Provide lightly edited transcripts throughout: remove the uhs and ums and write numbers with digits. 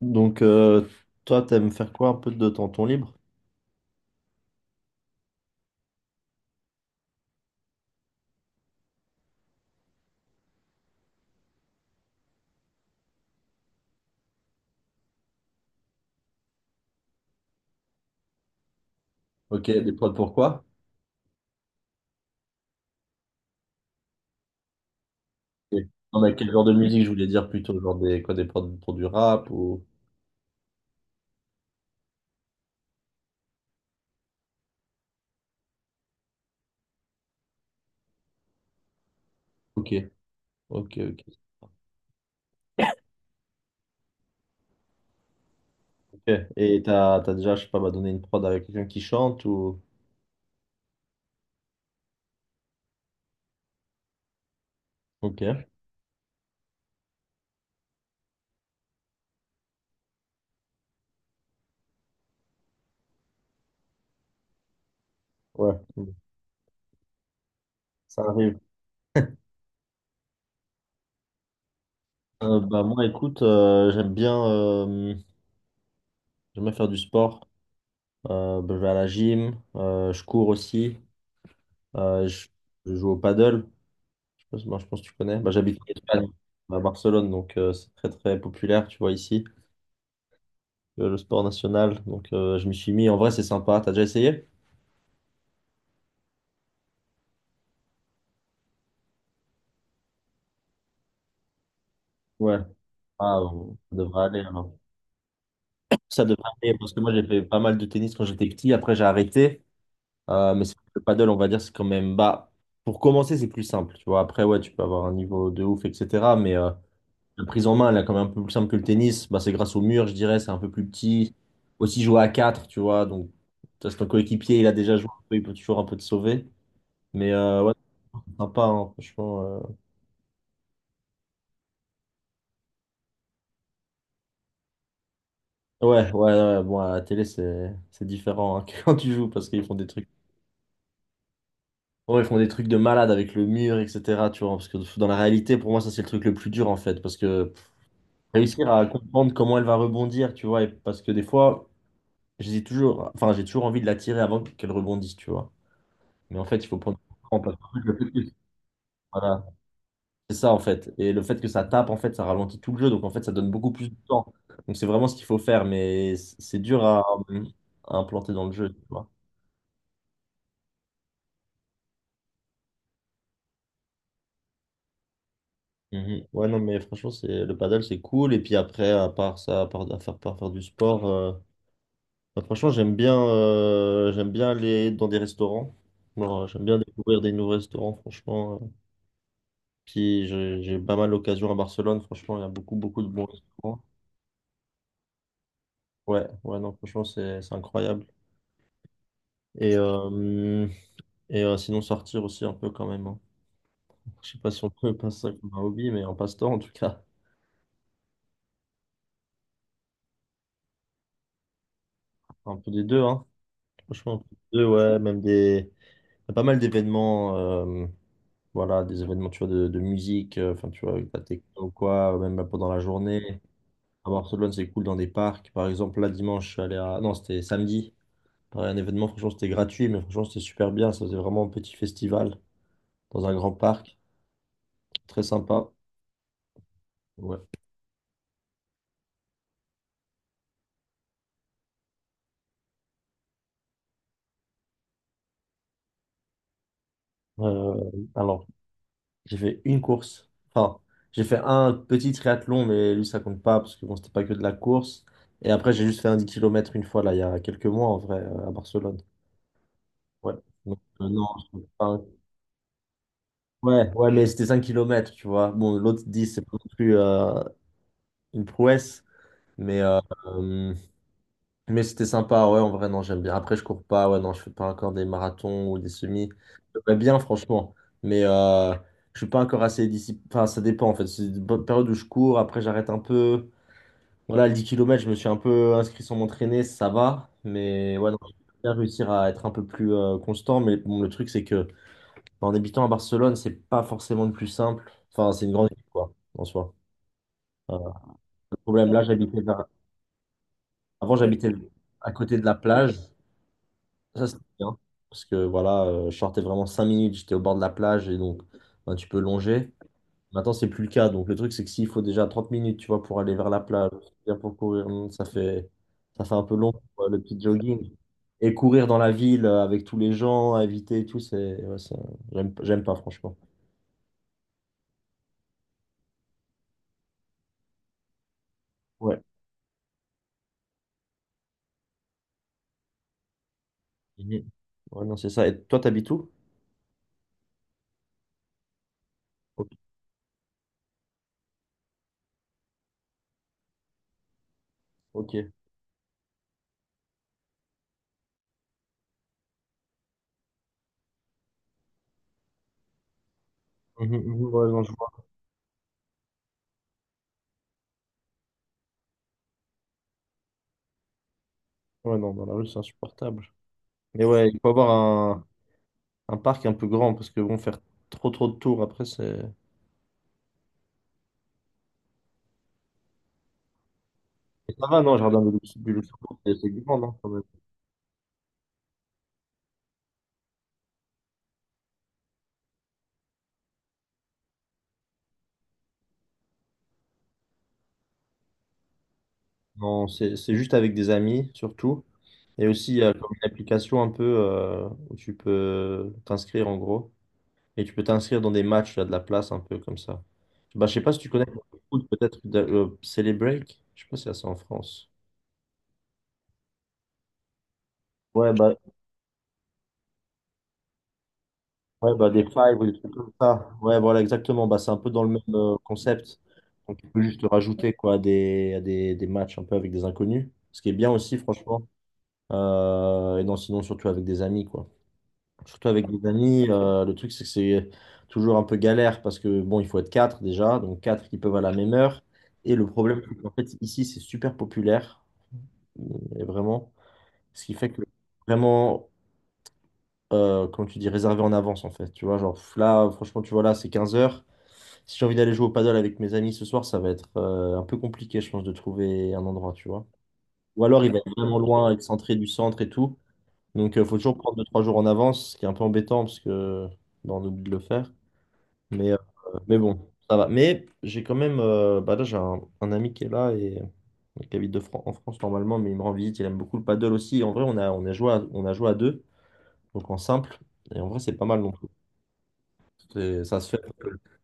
Donc, toi, t'aimes faire quoi un peu de temps ton temps libre? Ok, des prods pour quoi? Ok. Non, mais quel genre de musique je voulais dire plutôt, genre des quoi, des prods pour du rap ou... Ok, ok, ok. Ok. Et t'as déjà, je sais pas, bah, donné une prod avec quelqu'un qui chante ou... Ok, ouais, ça arrive. Bah moi, écoute, j'aime bien faire du sport. Bah, je vais à la gym, je cours aussi, euh, je, je joue au paddle. Je pense que tu connais. Bah, j'habite en Espagne, à Barcelone, donc c'est très très populaire, tu vois, ici, le sport national. Donc je m'y suis mis. En vrai, c'est sympa. T'as déjà essayé? Ouais. Ah, bon, ça devrait aller alors. Ça devrait aller parce que moi, j'ai fait pas mal de tennis quand j'étais petit. Après, j'ai arrêté. Mais le paddle, on va dire, c'est quand même. Bah, pour commencer, c'est plus simple, tu vois. Après, ouais, tu peux avoir un niveau de ouf, etc. La prise en main, elle est quand même un peu plus simple que le tennis. Bah, c'est grâce au mur, je dirais, c'est un peu plus petit. Aussi jouer à 4, tu vois. Donc, ça, c'est ton coéquipier, il a déjà joué, un peu, il peut toujours un peu te sauver. Ouais, c'est sympa, hein, franchement. Ouais, ouais, ouais, bon, à la télé, c'est différent, hein, que quand tu joues parce qu'ils font des trucs. Ouais, ils font des trucs de malade avec le mur, etc. Tu vois, parce que dans la réalité, pour moi, ça, c'est le truc le plus dur, en fait. Parce que réussir à comprendre comment elle va rebondir, tu vois, et parce que des fois, j'ai toujours, enfin, j'ai toujours envie de la tirer avant qu'elle rebondisse, tu vois. Mais en fait, il faut prendre en parce que le fait Voilà, c'est ça en fait. Et le fait que ça tape, en fait, ça ralentit tout le jeu. Donc en fait, ça donne beaucoup plus de temps. Donc c'est vraiment ce qu'il faut faire. Mais c'est dur à implanter dans le jeu, tu vois. Mhm. Ouais, non, mais franchement, c'est le paddle, c'est cool. Et puis après, à part ça, à part à faire, par faire du sport, bah, franchement, j'aime bien aller dans des restaurants. Genre, j'aime bien découvrir des nouveaux restaurants, franchement. Puis j'ai pas mal d'occasions à Barcelone, franchement, il y a beaucoup, beaucoup de bons restaurants. Ouais, ouais, non, franchement, c'est incroyable. Et, euh, et sinon, sortir aussi un peu quand même, hein. Je sais pas si on peut passer ça comme un hobby, mais un passe-temps en tout cas. Un peu des deux, hein. Franchement, un peu des deux, ouais. Même des. Il y a pas mal d'événements, voilà, des événements, tu vois, de musique, enfin, tu vois, avec la techno ou quoi, même bah, pendant la journée. À Barcelone, c'est cool dans des parcs. Par exemple, là, dimanche, je suis allé à. Non, c'était samedi. Pareil, un événement, franchement, c'était gratuit, mais franchement, c'était super bien. Ça faisait vraiment un petit festival dans un grand parc. Très sympa. Ouais. Euh, alors, j'ai fait une course. Enfin, j'ai fait un petit triathlon, mais lui, ça compte pas parce que bon, c'était pas que de la course. Et après, j'ai juste fait un 10 kilomètres une fois, là, il y a quelques mois, en vrai, à Barcelone. Ouais. Donc, non, je compte pas. Ouais, ouais, mais c'était 5 km, tu vois. Bon, l'autre dix c'est pas non plus une prouesse, mais euh, Mais c'était sympa, ouais, en vrai, non, j'aime bien. Après, je cours pas, ouais, non, je fais pas encore des marathons ou des semis. J'aimerais bien, franchement. Mais je suis pas encore assez discipliné. Enfin, ça dépend, en fait. C'est une bonne période où je cours, après, j'arrête un peu. Voilà, le 10 kilomètres je me suis un peu inscrit sans m'entraîner, ça va. Mais ouais, non, je vais bien réussir à être un peu plus constant. Mais bon, le truc, c'est que en habitant à Barcelone, c'est pas forcément le plus simple. Enfin, c'est une grande ville, quoi, en soi. Euh, le problème, là, avant, j'habitais à côté de la plage. Ça, c'est bien. Parce que voilà, je sortais vraiment 5 minutes, j'étais au bord de la plage et donc ben, tu peux longer. Maintenant, c'est plus le cas. Donc le truc, c'est que s'il faut déjà 30 minutes, tu vois, pour aller vers la plage, bien pour courir, ça fait un peu long, quoi, le petit jogging. Et courir dans la ville avec tous les gens à éviter et tout, c'est, ouais, j'aime, j'aime pas, franchement. Ouais. Mhm. Ouais, non, c'est ça. Et toi, t'habites où? Ok. Ok. Mhm, mhm, ouais, non, je vois. Ouais, non, dans la rue, c'est insupportable. Mais ouais, il faut avoir un parc un peu grand, parce que bon, faire trop trop de tours après, c'est. Et ça va, non, le jardin du Luxembourg, c'est grand, non, quand même. Non, c'est juste avec des amis, surtout. Et aussi, il y a comme une application un peu où tu peux t'inscrire en gros. Et tu peux t'inscrire dans des matchs, il y a de la place un peu comme ça. Bah, je sais pas si tu connais le foot, peut-être Célébreak. Je sais pas si ça, c'est en France. Ouais, bah, Ouais, bah, des fives ou des trucs comme ça. Ouais, voilà, exactement. Bah, c'est un peu dans le même concept. Donc, tu peux juste rajouter quoi, à des matchs un peu avec des inconnus. Ce qui est bien aussi, franchement. Et non, sinon, surtout avec des amis, quoi. Surtout avec des amis, le truc, c'est que c'est toujours un peu galère parce que, bon, il faut être quatre déjà. Donc, quatre qui peuvent à la même heure. Et le problème, c'est qu'en fait, ici, c'est super populaire. euh, Et vraiment. Ce qui fait que vraiment comment tu dis, réservé en avance en fait. Tu vois, genre pff, là, franchement, tu vois, là, c'est 15 heures. Si j'ai envie d'aller jouer au paddle avec mes amis ce soir, ça va être un peu compliqué, je pense, de trouver un endroit, tu vois. Ou alors, il va être vraiment loin, excentré du centre et tout. Donc, il faut toujours prendre 2, 3 jours en avance, ce qui est un peu embêtant parce que bah, on oublie de le faire. Mais, euh, mais bon, ça va. Mais j'ai quand même, bah là, j'ai un ami qui est là et qui habite en France normalement, mais il me rend visite. Il aime beaucoup le paddle aussi. En vrai, on a joué à deux donc en simple. Et en vrai, c'est pas mal non plus. Ça se fait,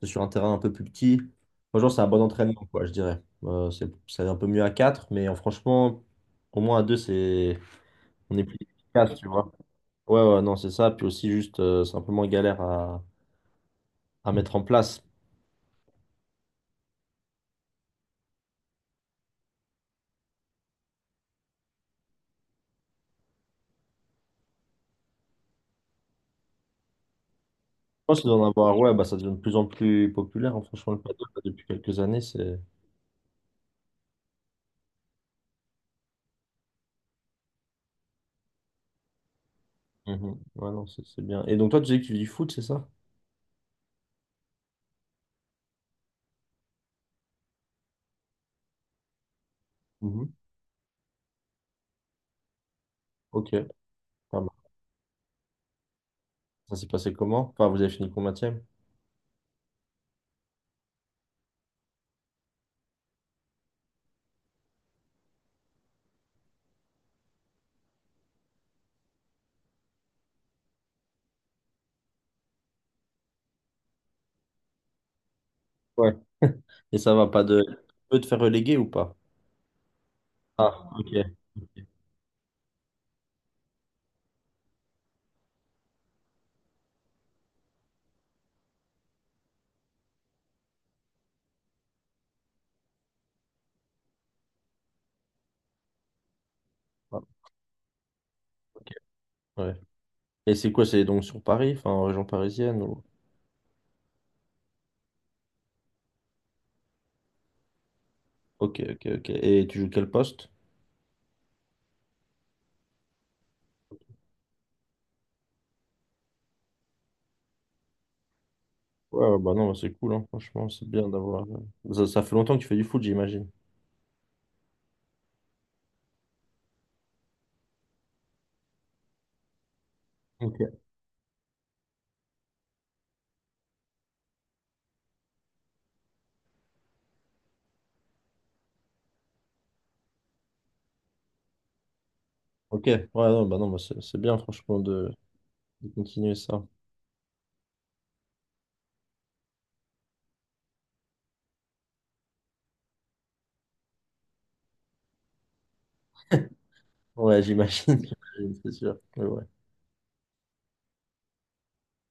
c'est sur un terrain un peu plus petit. Franchement, c'est un bon entraînement, quoi, je dirais. C'est un peu mieux à 4 mais franchement, au moins à 2 c'est... on est plus efficace, tu vois. Ouais, ouais, non, c'est ça. Puis aussi, juste, c'est un peu moins galère à mettre en place. Je pense que d'en avoir, ouais, bah, ça devient de plus en plus populaire, hein, franchement, le paddle, là, depuis quelques années, c'est... Mhm. Ouais, non, c'est bien. Et donc, toi, tu disais que tu dis foot, c'est ça? Mhm. Ok, pas mal. Ça s'est passé comment? Enfin, vous avez fini combien? Et ça va pas de... peut te faire reléguer ou pas? Ah, ok. Ah, ok, ouais. Et c'est quoi? C'est donc sur Paris, enfin en région parisienne ou... Ok, ok, ok. Et tu joues quel poste? Ouais, ouais, bah non, bah c'est cool, hein, franchement, c'est bien d'avoir... Ça, ça fait longtemps que tu fais du foot, j'imagine. Ok. Ok, ouais, non, bah non, bah c'est bien, franchement, de continuer ça. Ouais, j'imagine, j'imagine, c'est sûr. Ouais, ouais.